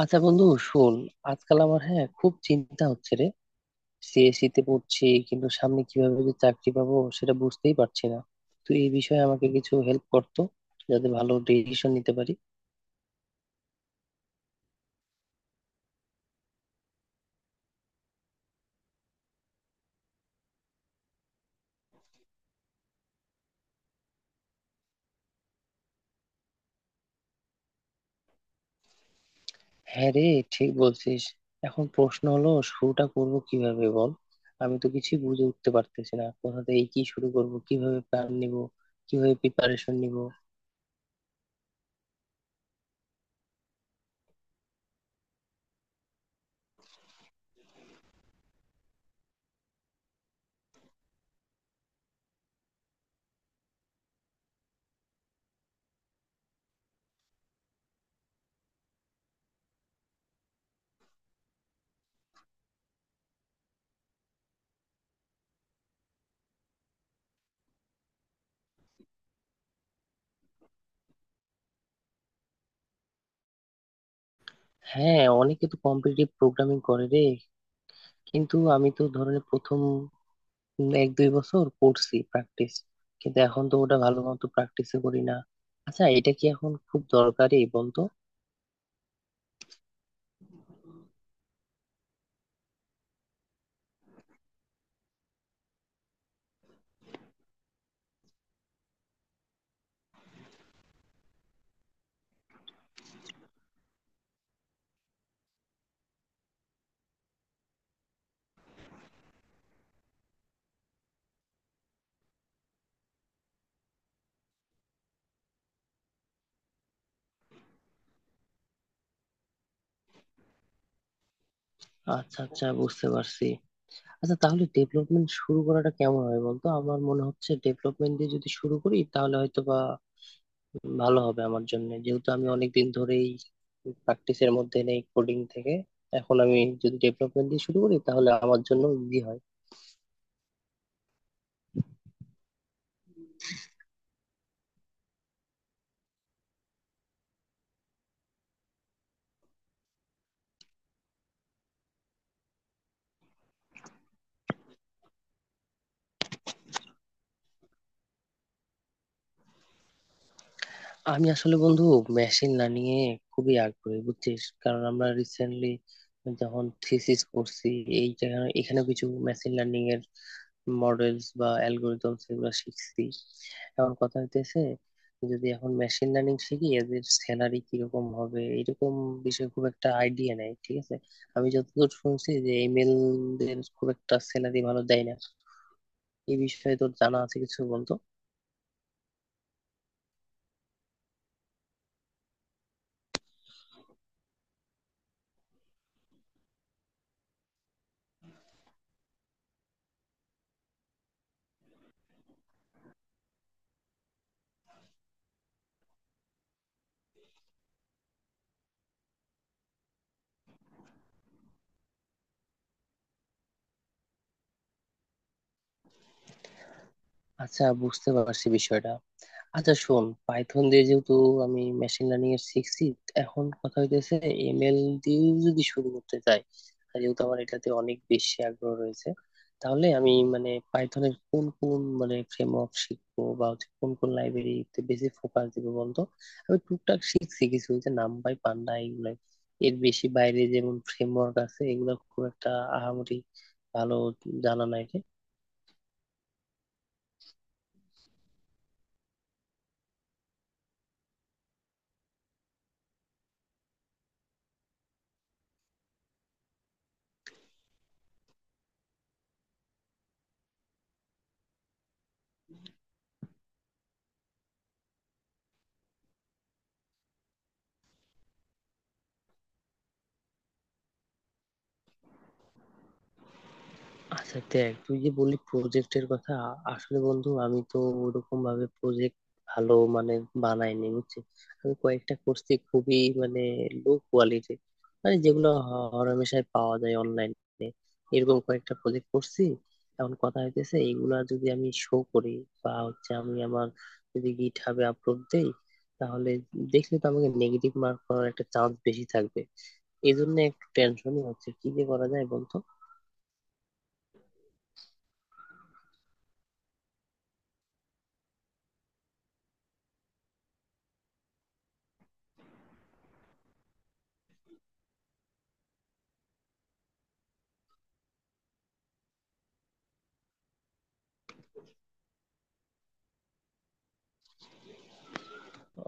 আচ্ছা বন্ধু, শোন। আজকাল আমার, হ্যাঁ, খুব চিন্তা হচ্ছে রে। সিএসসি তে পড়ছি, কিন্তু সামনে কিভাবে যে চাকরি পাবো সেটা বুঝতেই পারছি না। তুই এই বিষয়ে আমাকে কিছু হেল্প করতো, যাতে ভালো ডিসিশন নিতে পারি। হ্যাঁ রে, ঠিক বলছিস। এখন প্রশ্ন হলো, শুরুটা করব কিভাবে বল? আমি তো কিছুই বুঝে উঠতে পারতেছি না কোথা থেকে কি শুরু করব, কিভাবে প্ল্যান নিব, কিভাবে প্রিপারেশন নিব। হ্যাঁ, অনেকে তো কম্পিটিটিভ প্রোগ্রামিং করে রে, কিন্তু আমি তো ধরনের প্রথম 1-2 বছর করছি প্র্যাকটিস, কিন্তু এখন তো ওটা ভালো মতো প্র্যাকটিস করি না। আচ্ছা, এটা কি এখন খুব দরকারি বলতো? আচ্ছা আচ্ছা, বুঝতে পারছি। আচ্ছা, তাহলে ডেভেলপমেন্ট শুরু করাটা কেমন হয় বলতো? আমার মনে হচ্ছে ডেভেলপমেন্ট দিয়ে যদি শুরু করি তাহলে হয়তো বা ভালো হবে আমার জন্য, যেহেতু আমি অনেকদিন ধরেই প্র্যাকটিসের মধ্যে নেই কোডিং থেকে। এখন আমি যদি ডেভেলপমেন্ট দিয়ে শুরু করি তাহলে আমার জন্য ইজি হয়। আমি আসলে বন্ধু মেশিন লার্নিং এ খুবই আগ্রহী, বুঝছিস? কারণ আমরা রিসেন্টলি যখন থিসিস করছি, এখানে কিছু মেশিন লার্নিং এর মডেলস বা অ্যালগোরিদম সেগুলো শিখছি। এখন কথা হইতেছে, যদি এখন মেশিন লার্নিং শিখি, এদের স্যালারি কিরকম হবে এরকম বিষয়ে খুব একটা আইডিয়া নেই, ঠিক আছে? আমি যতদূর শুনছি যে এমএল দের খুব একটা স্যালারি ভালো দেয় না। এই বিষয়ে তোর জানা আছে কিছু, বলতো? আচ্ছা, বুঝতে পারছি বিষয়টা। আচ্ছা শোন, পাইথন দিয়ে যেহেতু আমি মেশিন লার্নিং এর শিখছি, এখন কথা হইতেছে এমএল দিয়েও যদি শুরু করতে চাই, আর যেহেতু আমার এটাতে অনেক বেশি আগ্রহ রয়েছে, তাহলে আমি মানে পাইথনের কোন কোন মানে ফ্রেমওয়ার্ক শিখবো, বা হচ্ছে কোন কোন লাইব্রেরিতে বেশি ফোকাস দিব বলতো? আমি টুকটাক শিখছি কিছু, যে নামপাই পান্ডা এগুলো। এর বেশি বাইরে যেমন ফ্রেমওয়ার্ক আছে, এগুলো খুব একটা আহামরি ভালো জানা নাই। আচ্ছা দেখ, তুই যে বললি প্রজেক্টের কথা, আসলে বন্ধু আমি তো ওরকম ভাবে প্রজেক্ট ভালো মানে বানাইনি, বুঝছিস? আমি কয়েকটা করছি খুবই মানে লো কোয়ালিটি, মানে যেগুলো হরহামেশাই পাওয়া যায় অনলাইনে, এরকম কয়েকটা প্রজেক্ট করছি। এখন কথা হইতেছে, এগুলা যদি আমি শো করি বা হচ্ছে আমি আমার যদি গিট হাবে আপলোড দেই, তাহলে দেখলে তো আমাকে নেগেটিভ মার্ক করার একটা চান্স বেশি থাকবে। এই জন্য একটু টেনশনই হচ্ছে, কি যে করা যায় বলতো?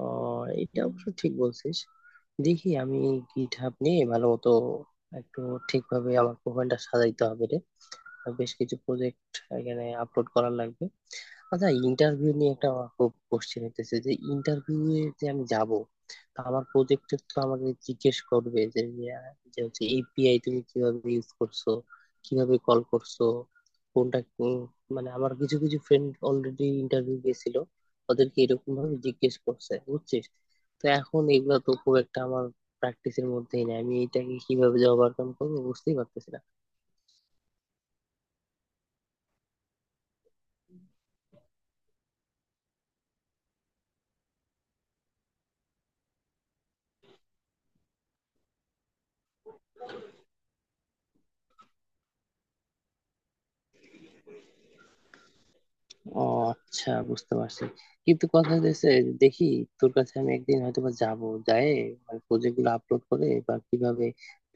আহ, এটা অবশ্য ঠিক বলছিস। দেখি আমি গিট হাব নিয়ে ভালো মতো একটু ঠিকভাবে আমার প্রোফাইলটা সাজাইতে হবে রে। বেশ কিছু প্রজেক্ট এখানে আপলোড করার লাগবে। আচ্ছা, ইন্টারভিউ নিয়ে একটা আমার খুব কোশ্চেন হইতেছে, যে ইন্টারভিউ এ যে আমি যাব, তা আমার প্রজেক্টে তো আমাকে জিজ্ঞেস করবে যে, যে হচ্ছে এপিআই তুমি কিভাবে ইউজ করছো, কিভাবে কল করছো, কোনটা কোন- মানে আমার কিছু কিছু ফ্রেন্ড অলরেডি ইন্টারভিউ গেছিল, ওদেরকে এরকম ভাবে জিজ্ঞেস করছে, বুঝছিস? তো এখন এগুলা তো খুব একটা আমার প্র্যাকটিসের মধ্যেই নেই। আমি এটাকে কিভাবে যে ওভারকাম করবো বুঝতেই পারতেছি না। ও আচ্ছা, বুঝতে পারছি। কিন্তু কথা হচ্ছে, দেখি তোর কাছে আমি একদিন হয়তো বা যাবো, যায় মানে প্রজেক্ট গুলো আপলোড করে বা কিভাবে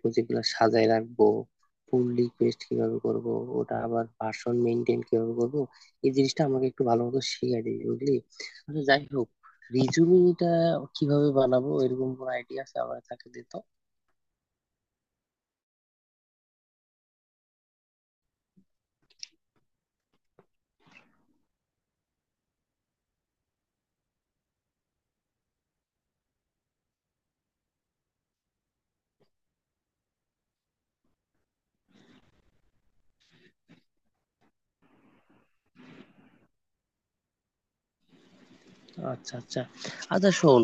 প্রজেক্ট গুলো সাজায় রাখবো, পুল রিকোয়েস্ট কিভাবে করব, ওটা আবার ভার্সন মেনটেন কিভাবে করব, এই জিনিসটা আমাকে একটু ভালো মতো শিখিয়ে দিবি, বুঝলি? আচ্ছা, যাই হোক, রিজুমিটা কিভাবে বানাবো এরকম কোনো আইডিয়া আছে আমার তাকে দে তো। আচ্ছা আচ্ছা। আচ্ছা শোন,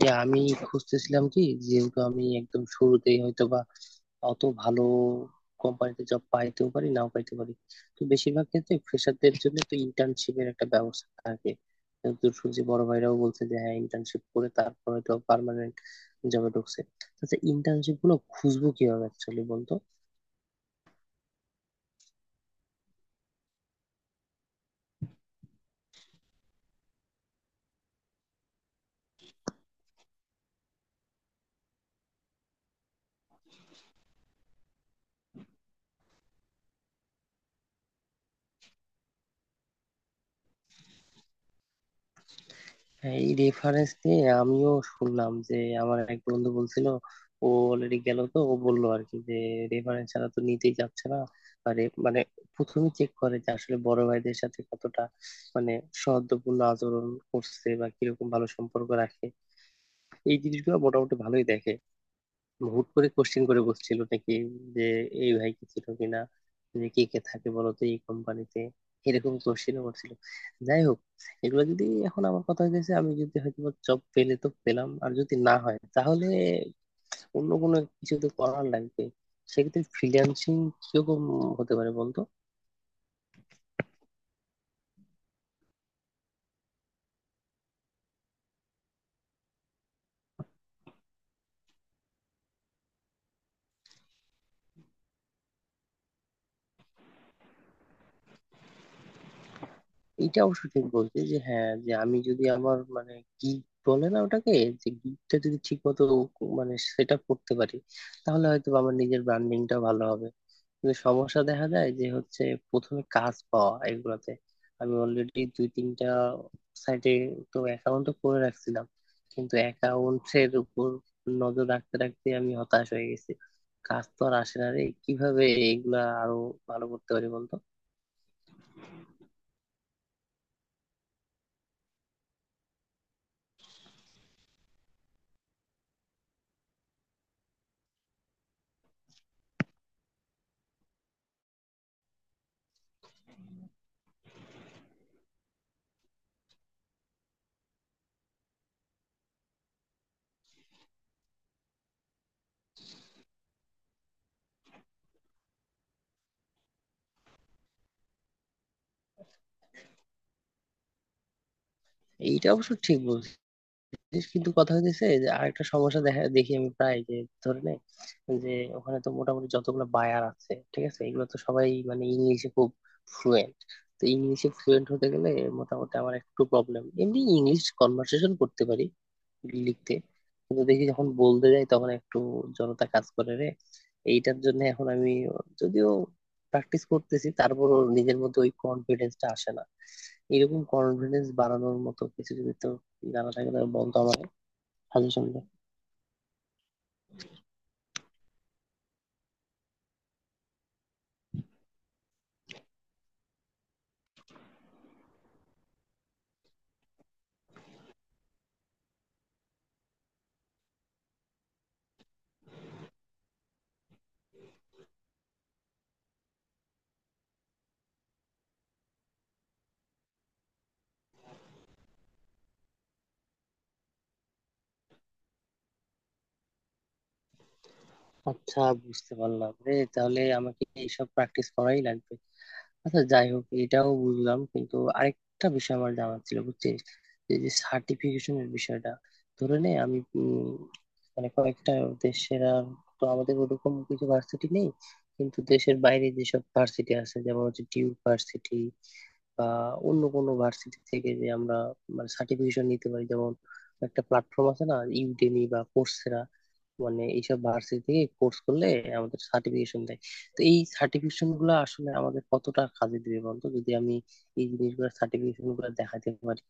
আমি খুঁজতেছিলাম, কি যেহেতু আমি একদম শুরুতেই হয়তো বা অত ভালো কোম্পানিতে জব পাইতেও পারি নাও পাইতে পারি। তো বেশিরভাগ ক্ষেত্রে ফ্রেশারদের জন্য তো ইন্টার্নশিপের একটা ব্যবস্থা থাকে, কিন্তু শুনছি বড় ভাইরাও বলছে যে হ্যাঁ, ইন্টার্নশিপ করে তারপরে তো পার্মানেন্ট জবে ঢুকছে। আচ্ছা, ইন্টার্নশিপ গুলো খুঁজবো কিভাবে অ্যাকচুয়ালি বলতো? হ্যাঁ, এই রেফারেন্স নিয়ে আমিও শুনলাম যে আমার এক বন্ধু বলছিল, ও অলরেডি গেল তো ও বললো আর কি যে রেফারেন্স ছাড়া তো নিতেই যাচ্ছে না। আরে মানে প্রথমে চেক করে যে আসলে বড় ভাইদের সাথে কতটা মানে সৌহার্দ্যপূর্ণ আচরণ করছে, বা কিরকম ভালো সম্পর্ক রাখে, এই জিনিসগুলো মোটামুটি ভালোই দেখে। মানে হুট করে কোশ্চেন করে বসছিল নাকি যে এই ভাই কি ছিল কিনা, যে কে কে থাকে বলতো এই কোম্পানিতে, এরকম কোশ্চেন করছিল। যাই হোক, এগুলো যদি এখন আমার কথা হয়েছে, আমি যদি হয়তো জব পেলে তো পেলাম, আর যদি না হয় তাহলে অন্য কোনো কিছু তো করার লাগবে। সেক্ষেত্রে ফ্রিল্যান্সিং কিরকম হতে পারে বলতো? এটা অবশ্য ঠিক বলছি যে হ্যাঁ, যে আমি যদি আমার মানে কি বলে না ওটাকে, যে গিগটা যদি ঠিক মতো মানে সেট আপ করতে পারি তাহলে হয়তো আমার নিজের ব্র্যান্ডিংটা ভালো হবে। কিন্তু সমস্যা দেখা যায় যে হচ্ছে প্রথমে কাজ পাওয়া এগুলাতে। আমি অলরেডি 2-3টা সাইটে তো অ্যাকাউন্ট করে রাখছিলাম, কিন্তু অ্যাকাউন্টের উপর নজর রাখতে রাখতে আমি হতাশ হয়ে গেছি। কাজ তো আর আসে না রে। কিভাবে এগুলা আরো ভালো করতে পারি বলতো? এইটা অবশ্য ঠিক বলছো, যে কিন্তু কথা হইতেছে যে আরেকটা সমস্যা দেখা, দেখি আমি প্রায় যে ধরে নে যে ওখানে তো মোটামুটি যতগুলো বায়ার আছে ঠিক আছে, এগুলো তো সবাই মানে ইংলিশে খুব ফ্লুয়েন্ট। তো ইংলিশে ফ্লুয়েন্ট হতে গেলে মোটামুটি আমার একটু প্রবলেম। এমনি ইংলিশ কনভার্সেশন করতে পারি, লিখতে, কিন্তু দেখি যখন বলতে যাই তখন একটু জড়তা কাজ করে রে। এইটার জন্য এখন আমি যদিও প্র্যাকটিস করতেছি, তারপরও নিজের মধ্যে ওই কনফিডেন্সটা আসে না। এরকম কনফিডেন্স বাড়ানোর মতো কিছু যদি তো জানা থাকলে বলতো আমাকে, সাজেশন দে। আচ্ছা, বুঝতে পারলাম রে, তাহলে আমাকে এইসব প্র্যাকটিস করাই লাগবে। আচ্ছা যাই হোক, এটাও বুঝলাম, কিন্তু আরেকটা বিষয় আমার জানার ছিল, বুঝছিস, এই যে সার্টিফিকেশনের বিষয়টা। ধরে নে আমি মানে কয়েকটা দেশের আর তো আমাদের ওরকম কিছু ভার্সিটি নেই, কিন্তু দেশের বাইরে যেসব ভার্সিটি আছে যেমন হচ্ছে ডিউক ভার্সিটি বা অন্য কোনো ভার্সিটি থেকে যে আমরা মানে সার্টিফিকেশন নিতে পারি। যেমন একটা প্ল্যাটফর্ম আছে না, ইউডেমি বা কোর্সেরা, মানে এইসব ভার্সিটি থেকে কোর্স করলে আমাদের সার্টিফিকেশন দেয়। তো এই সার্টিফিকেশন গুলো আসলে আমাদের কতটা কাজে দিবে বন্ধু, যদি আমি এই জিনিসগুলো সার্টিফিকেশন গুলো দেখাতে পারি?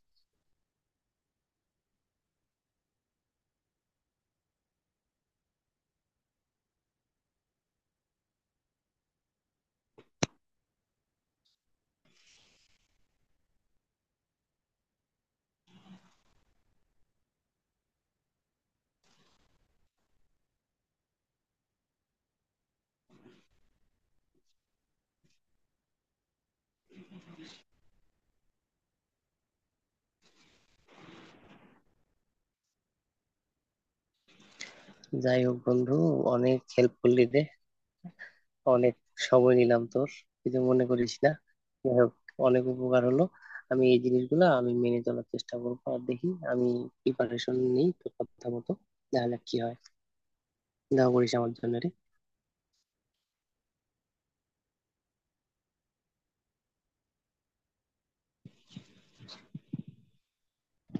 যাই হোক বন্ধু, অনেক হেল্প করলি রে, অনেক সময় নিলাম তোর, কিছু মনে করিস না। যাই হোক, অনেক উপকার হলো। আমি এই জিনিসগুলো আমি মেনে চলার চেষ্টা করবো, আর দেখি আমি প্রিপারেশন নিই তোর কথা মতো। দেখা যাক কি হয়। দেখা করিস আমার জন্য রে।